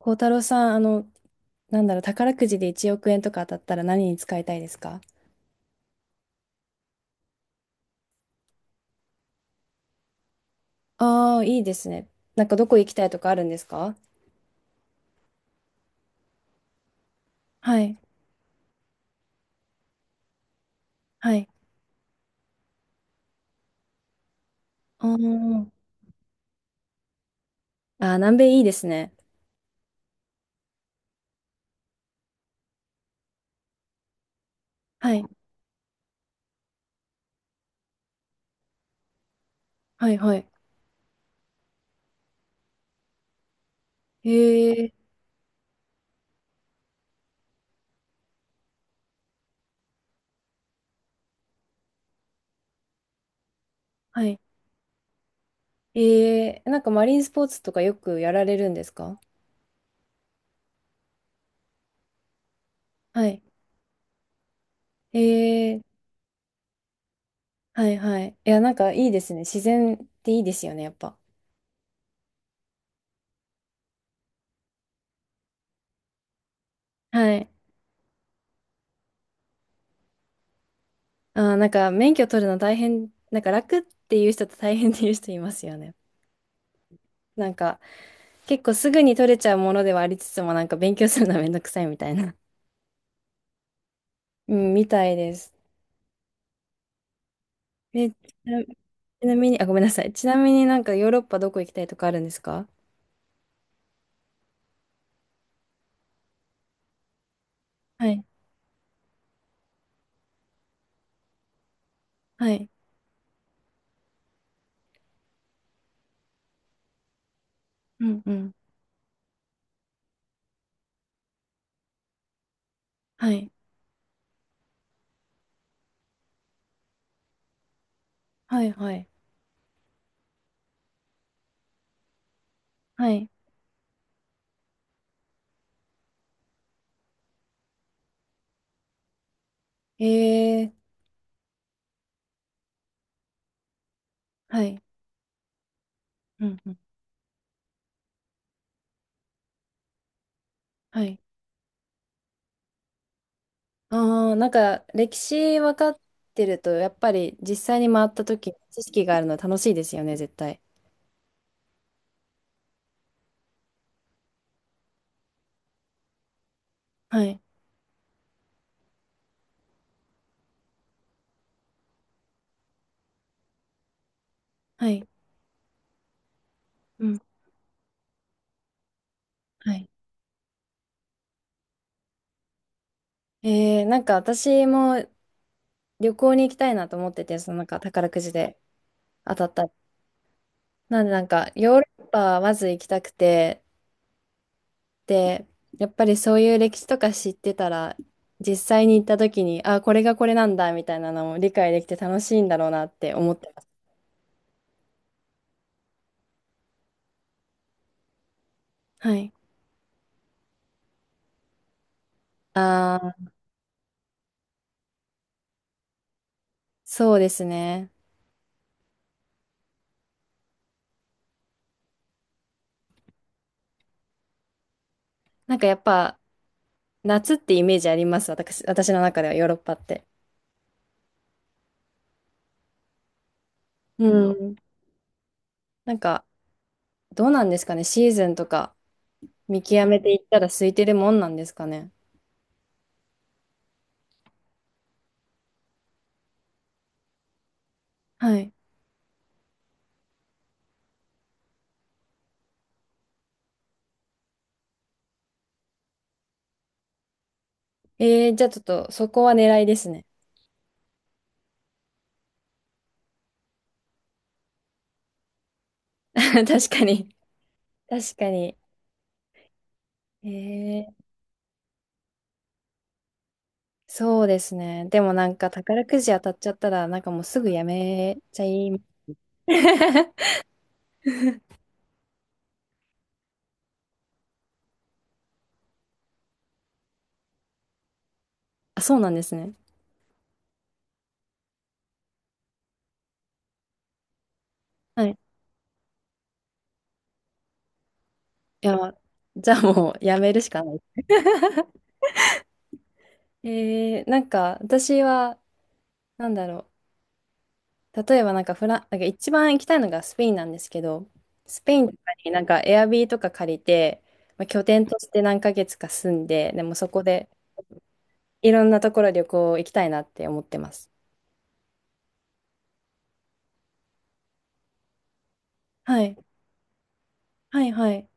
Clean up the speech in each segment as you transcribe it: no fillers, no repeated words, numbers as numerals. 孝太郎さん、なんだろう、宝くじで1億円とか当たったら何に使いたいですか？ああー、いいですね。なんかどこ行きたいとかあるんですか？はい、はい。あーあー、南米いいですね。はい、はい、はい。ええ、はい。ええ、なんかマリンスポーツとかよくやられるんですか？はい。ええ、はい、はい。いや、なんかいいですね。自然っていいですよね、やっぱ。はい。あー、なんか免許取るの大変、なんか楽っていう人と大変っていう人いますよね。なんか、結構すぐに取れちゃうものではありつつも、なんか勉強するのはめんどくさいみたいな。うん、みたいです。で、ちなみに、あ、ごめんなさい。ちなみになんかヨーロッパどこ行きたいとかあるんですか？はい、はい、うんうん、はい、はい、はい、はい、えー、はい、うんうん、はい。ああ、なんか歴史分かってると、やっぱり実際に回った時、知識があるの楽しいですよね、絶対。はい、はい、うん、はい。なんか私も旅行に行きたいなと思ってて、そのなんか宝くじで当たった。なんでなんかヨーロッパはまず行きたくて、で、やっぱりそういう歴史とか知ってたら、実際に行った時に、あ、これがこれなんだみたいなのも理解できて楽しいんだろうなって思ってます。はい。ああ、そうですね。なんかやっぱ夏ってイメージあります、私の中ではヨーロッパって。うん。なんかどうなんですかね、シーズンとか見極めていったら空いてるもんなんですかね。はい。えー、じゃあちょっとそこは狙いですね。確かに。確かに。えー、そうですね。でもなんか宝くじ当たっちゃったら、なんかもうすぐやめちゃいます。あ、そうなんですね。はい。いや、じゃあもうやめるしかない。なんか私は、なんだろう。例えばなんかフラン、なんか一番行きたいのがスペインなんですけど、スペインとかになんかエアビーとか借りて、まあ、拠点として何ヶ月か住んで、でもそこで、いろんなところ旅行行きたいなって思ってます。はい。はい、はい、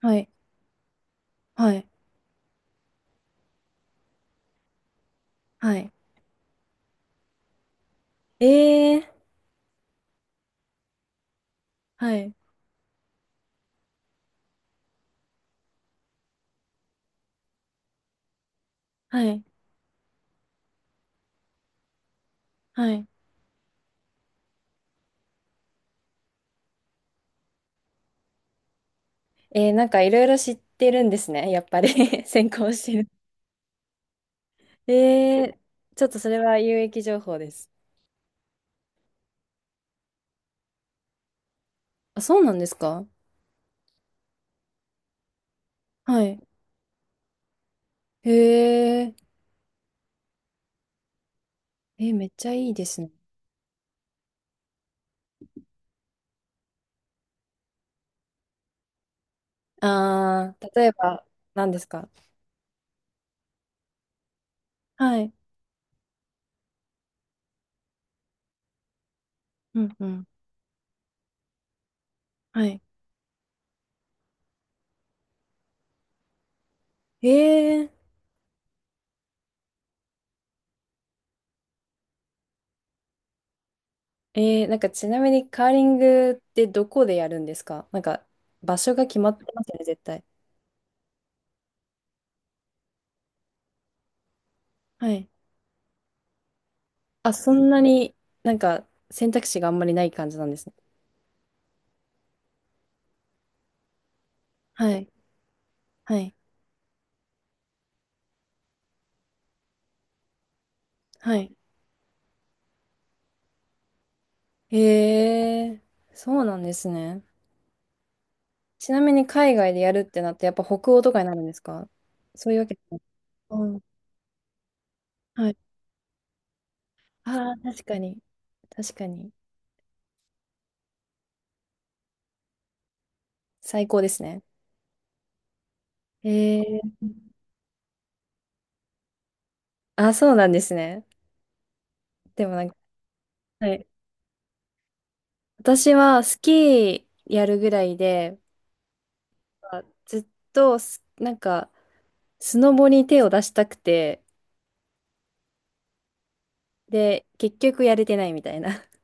はい、はい、はい。えー、はい、はい、はい。えー、なんかいろいろ知ってるんですね。やっぱり 先行してる。えー、ちょっとそれは有益情報です。あ、そうなんですか？はい。へえ、えー、めっちゃいいですね。あー、例えば、何ですか？はい。うんうん。はい。えー、えー、なんかちなみにカーリングってどこでやるんですか？なんか場所が決まってますよね、絶対。はい。あ、そんなになんか選択肢があんまりない感じなんですね。はい。はい。はい。へえ、そうなんですね。ちなみに海外でやるってなってやっぱ北欧とかになるんですか？そういうわけじゃない。うん。はい。ああ、確かに。確かに。最高ですね。えー、あ、そうなんですね。でもなんか、はい、私はスキーやるぐらいで、あ、ずっとなんかスノボに手を出したくて、で、結局やれてないみたいな。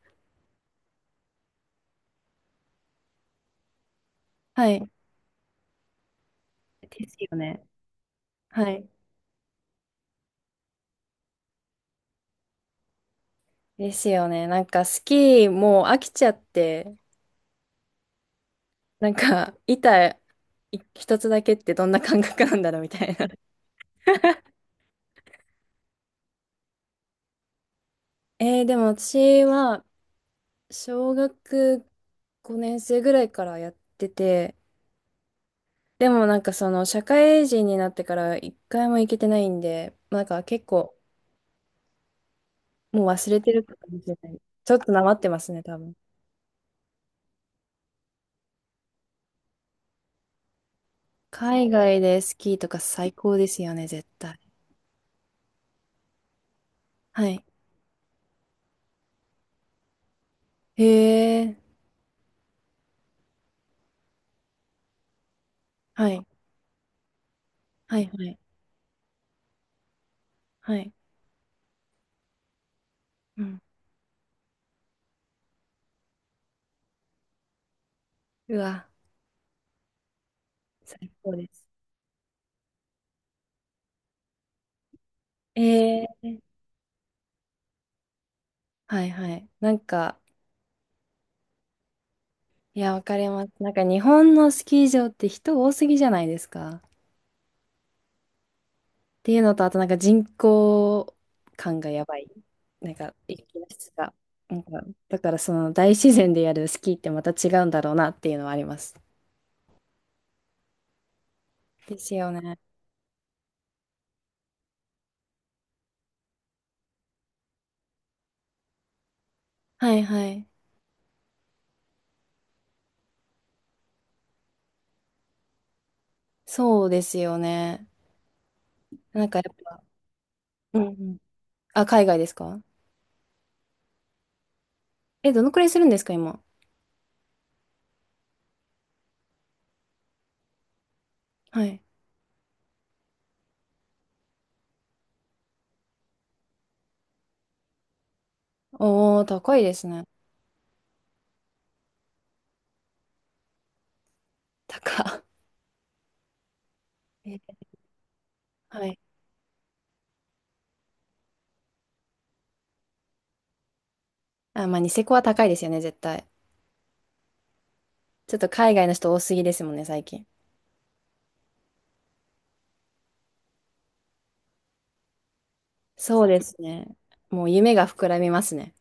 はい。ですよね。はい。ですよね。なんかスキーもう飽きちゃって、なんか板一つだけってどんな感覚なんだろうみたいな。でも私は小学5年生ぐらいからやってて、でもなんかその社会人になってから一回も行けてないんで、なんか結構もう忘れてるかもしれない。ちょっとなまってますね、多分。海外でスキーとか最高ですよね、絶対。はい。へえ。はい。はいはい。はい。うん。うわ、最高です。ええ。はいはい。なんか、いや、わかります。なんか日本のスキー場って人多すぎじゃないですか。っていうのと、あとなんか人口感がやばい。なんか、雪の質が。なんか、だからその大自然でやるスキーってまた違うんだろうなっていうのはあります。ですよね。はいはい。そうですよね。なんかやっぱ、うんうん。あ、海外ですか？え、どのくらいするんですか、今。はい。おー、高いですね。高。え、はい。あ、まあ、ニセコは高いですよね、絶対。ちょっと海外の人多すぎですもんね、最近。そうですね。もう夢が膨らみますね。